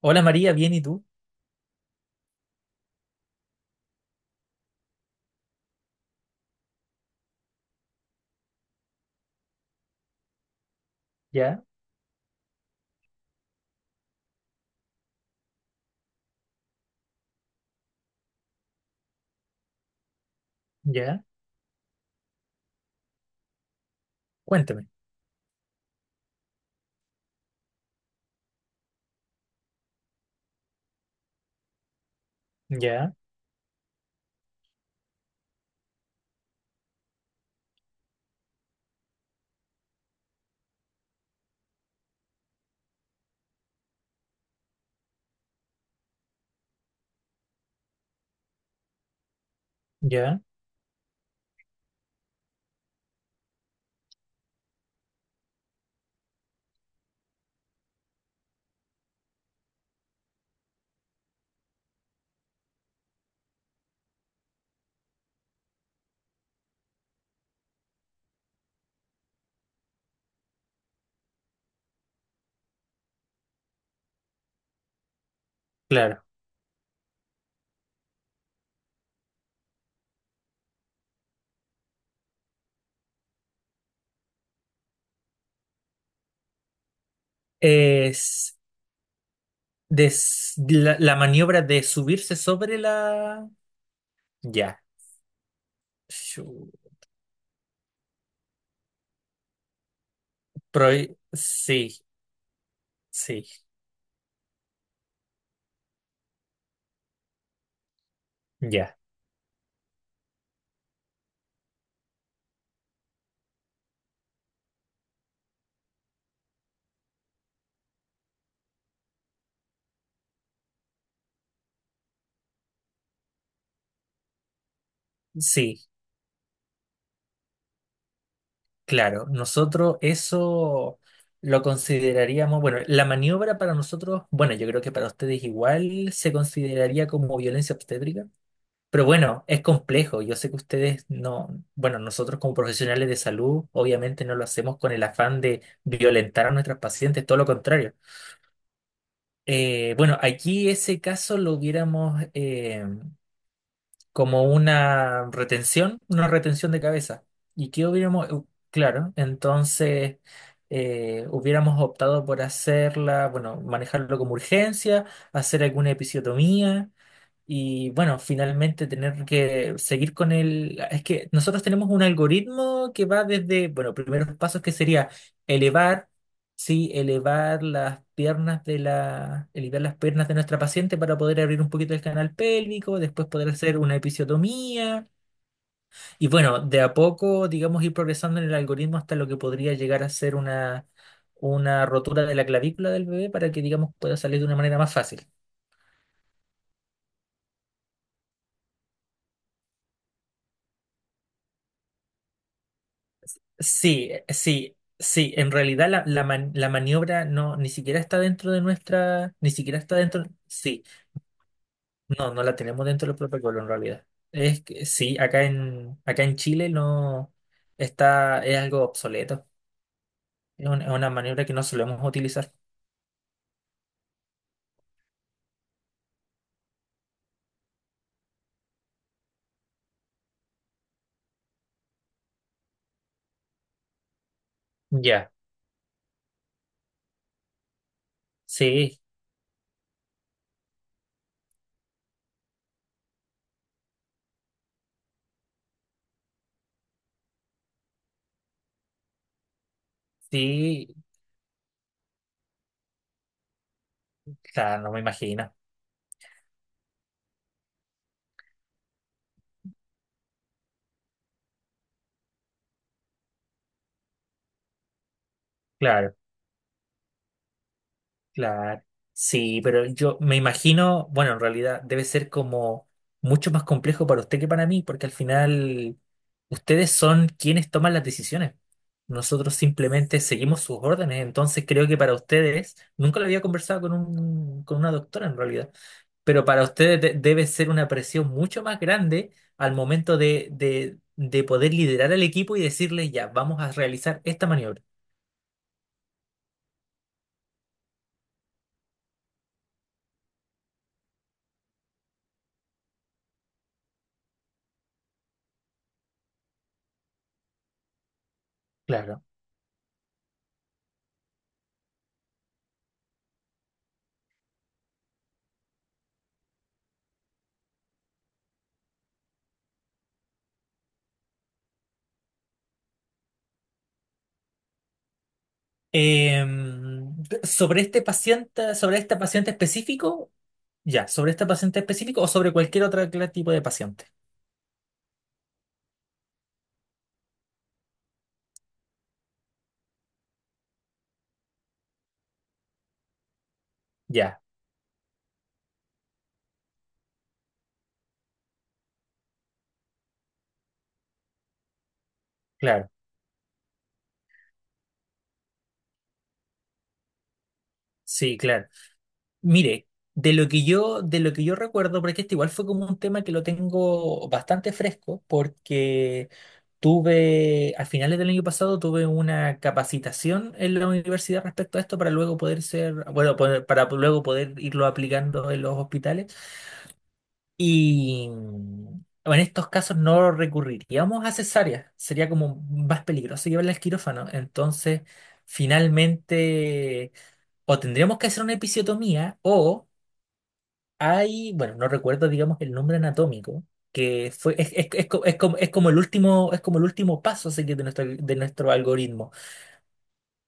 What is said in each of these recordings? Hola María, bien, ¿y tú? Ya, ya, cuéntame. Ya, ya, claro. Es la maniobra de subirse sobre la. Ya. Shu- Pro- Sí, sí, ya, sí, claro. Nosotros eso lo consideraríamos, bueno, la maniobra para nosotros, bueno, yo creo que para ustedes igual se consideraría como violencia obstétrica. Pero bueno, es complejo. Yo sé que ustedes no, bueno, nosotros como profesionales de salud, obviamente no lo hacemos con el afán de violentar a nuestras pacientes, todo lo contrario. Bueno, aquí ese caso lo hubiéramos como una retención de cabeza. ¿Y qué hubiéramos? Claro, entonces hubiéramos optado por hacerla, bueno, manejarlo como urgencia, hacer alguna episiotomía y bueno, finalmente tener que seguir con el. Es que nosotros tenemos un algoritmo que va desde, bueno, primeros pasos que sería elevar, sí, elevar las piernas de nuestra paciente para poder abrir un poquito el canal pélvico, después poder hacer una episiotomía. Y bueno, de a poco, digamos, ir progresando en el algoritmo hasta lo que podría llegar a ser una rotura de la clavícula del bebé para que, digamos, pueda salir de una manera más fácil. Sí, sí, sí. En realidad la maniobra no, ni siquiera está dentro de nuestra, ni siquiera está dentro. Sí, no, no la tenemos dentro del protocolo en realidad. Es que sí, acá en Chile no está, es algo obsoleto. Es una maniobra que no solemos utilizar. Ya, sí, sí, claro, no me imagino. Claro. Claro. Sí, pero yo me imagino, bueno, en realidad debe ser como mucho más complejo para usted que para mí, porque al final ustedes son quienes toman las decisiones. Nosotros simplemente seguimos sus órdenes, entonces creo que para ustedes, nunca lo había conversado con un, con una doctora en realidad, pero para ustedes debe ser una presión mucho más grande al momento de poder liderar al equipo y decirle, ya, vamos a realizar esta maniobra. Claro. Eh, Sobre este paciente, sobre esta paciente específico, ya, sobre esta paciente específico o sobre cualquier otro tipo de paciente. Ya, claro, sí, claro. Mire, de lo que yo recuerdo, porque este igual fue como un tema que lo tengo bastante fresco, porque tuve, a finales del año pasado, tuve una capacitación en la universidad respecto a esto para luego poder ser, bueno, para luego poder irlo aplicando en los hospitales. Y en estos casos no recurriríamos a cesárea, sería como más peligroso llevarla al quirófano. Entonces, finalmente, o tendríamos que hacer una episiotomía, o hay, bueno, no recuerdo, digamos, el nombre anatómico, que fue, es co- es como, es como el último paso, así que, de nuestro algoritmo.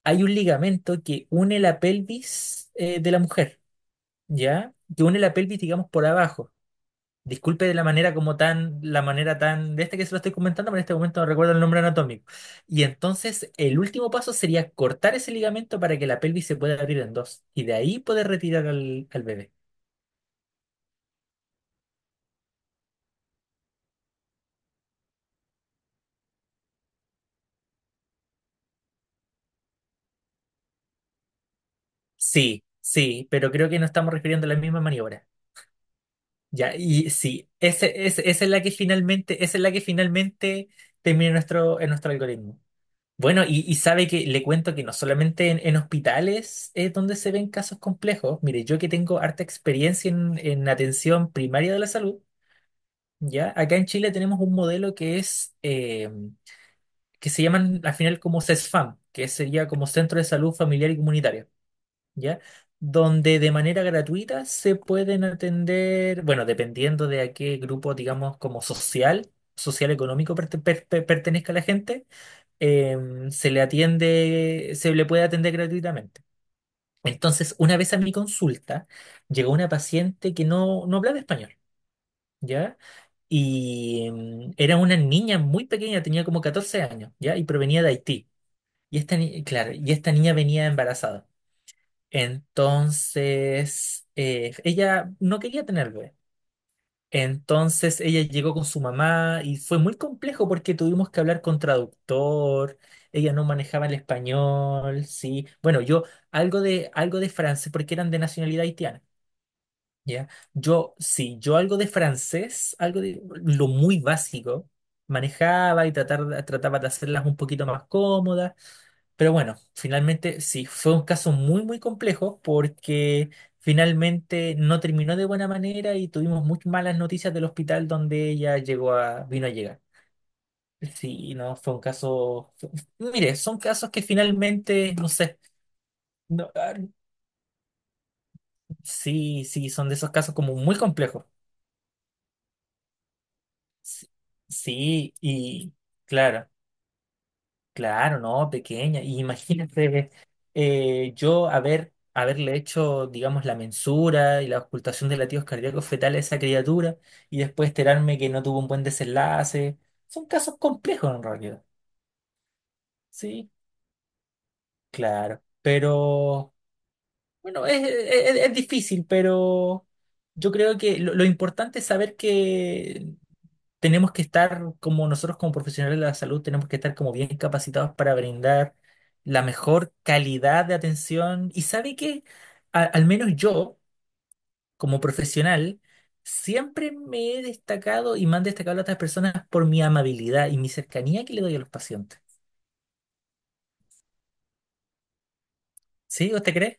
Hay un ligamento que une la pelvis, de la mujer, ¿ya? Que une la pelvis, digamos, por abajo. Disculpe de la manera como tan, la manera tan de este que se lo estoy comentando, pero en este momento no recuerdo el nombre anatómico. Y entonces el último paso sería cortar ese ligamento para que la pelvis se pueda abrir en dos y de ahí poder retirar al bebé. Sí, sí, pero creo que no estamos refiriendo a la misma maniobra. Ya, y sí, esa es la que finalmente, termina en nuestro, algoritmo. Bueno, y sabe que le cuento que no solamente en hospitales es donde se ven casos complejos. Mire, yo que tengo harta experiencia en atención primaria de la salud, ¿ya? Acá en Chile tenemos un modelo que es, que se llaman al final como CESFAM, que sería como Centro de Salud Familiar y comunitaria. ¿Ya? Donde de manera gratuita se pueden atender, bueno, dependiendo de a qué grupo, digamos, como social económico pertenezca la gente se le puede atender gratuitamente. Entonces, una vez a mi consulta, llegó una paciente que no hablaba español, ¿ya? Y era una niña muy pequeña, tenía como 14 años, ¿ya? Y provenía de Haití. Y esta, ni- claro, y esta niña venía embarazada. Entonces, ella no quería tener bebé. Entonces ella llegó con su mamá y fue muy complejo porque tuvimos que hablar con traductor, ella no manejaba el español, sí. Bueno, yo algo de francés porque eran de nacionalidad haitiana. ¿Ya? Yo, sí, yo algo de francés, algo de lo muy básico, manejaba y trataba de hacerlas un poquito más cómodas, pero bueno, finalmente sí, fue un caso muy, muy complejo porque finalmente no terminó de buena manera y tuvimos muy malas noticias del hospital donde ella llegó a, vino a llegar. Sí, no, fue un caso. Mire, son casos que finalmente, no sé, no, ah, sí, sí, son de esos casos como muy complejos. S- Sí, y claro, claro, no, pequeña. Y imagínate yo haberle hecho, digamos, la mensura y la ocultación de latidos cardíacos fetales a esa criatura y después enterarme que no tuvo un buen desenlace. Son casos complejos en realidad. Sí, claro. Pero, bueno, es difícil, pero yo creo que lo importante es saber que tenemos que estar, como nosotros como profesionales de la salud, tenemos que estar como bien capacitados para brindar la mejor calidad de atención. Y sabe que, al menos yo, como profesional, siempre me he destacado y me han destacado otras personas por mi amabilidad y mi cercanía que le doy a los pacientes. ¿Sí? ¿Usted cree?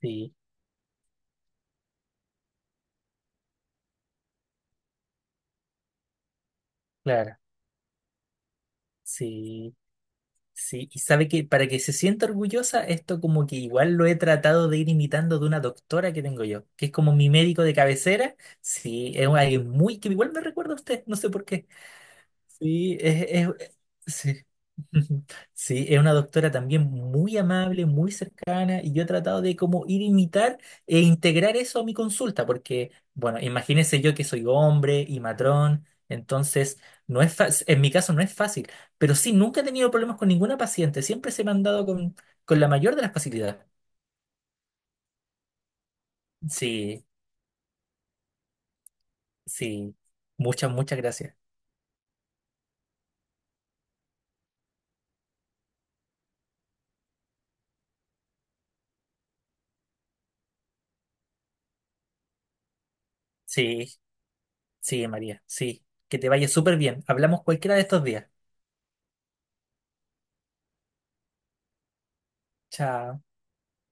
Sí, claro. Sí. Sí, y sabe que para que se sienta orgullosa, esto como que igual lo he tratado de ir imitando de una doctora que tengo yo, que es como mi médico de cabecera. Sí, es alguien muy que igual me recuerda a usted, no sé por qué. Sí, sí. Sí, es una doctora también muy amable, muy cercana, y yo he tratado de como ir a imitar e integrar eso a mi consulta, porque, bueno, imagínese yo que soy hombre y matrón, entonces no es fa- en mi caso no es fácil, pero sí, nunca he tenido problemas con ninguna paciente, siempre se me han dado con, la mayor de las facilidades. Sí, sí, muchas, muchas gracias. Sí, sí, María, sí, que te vaya súper bien. Hablamos cualquiera de estos días. Chao.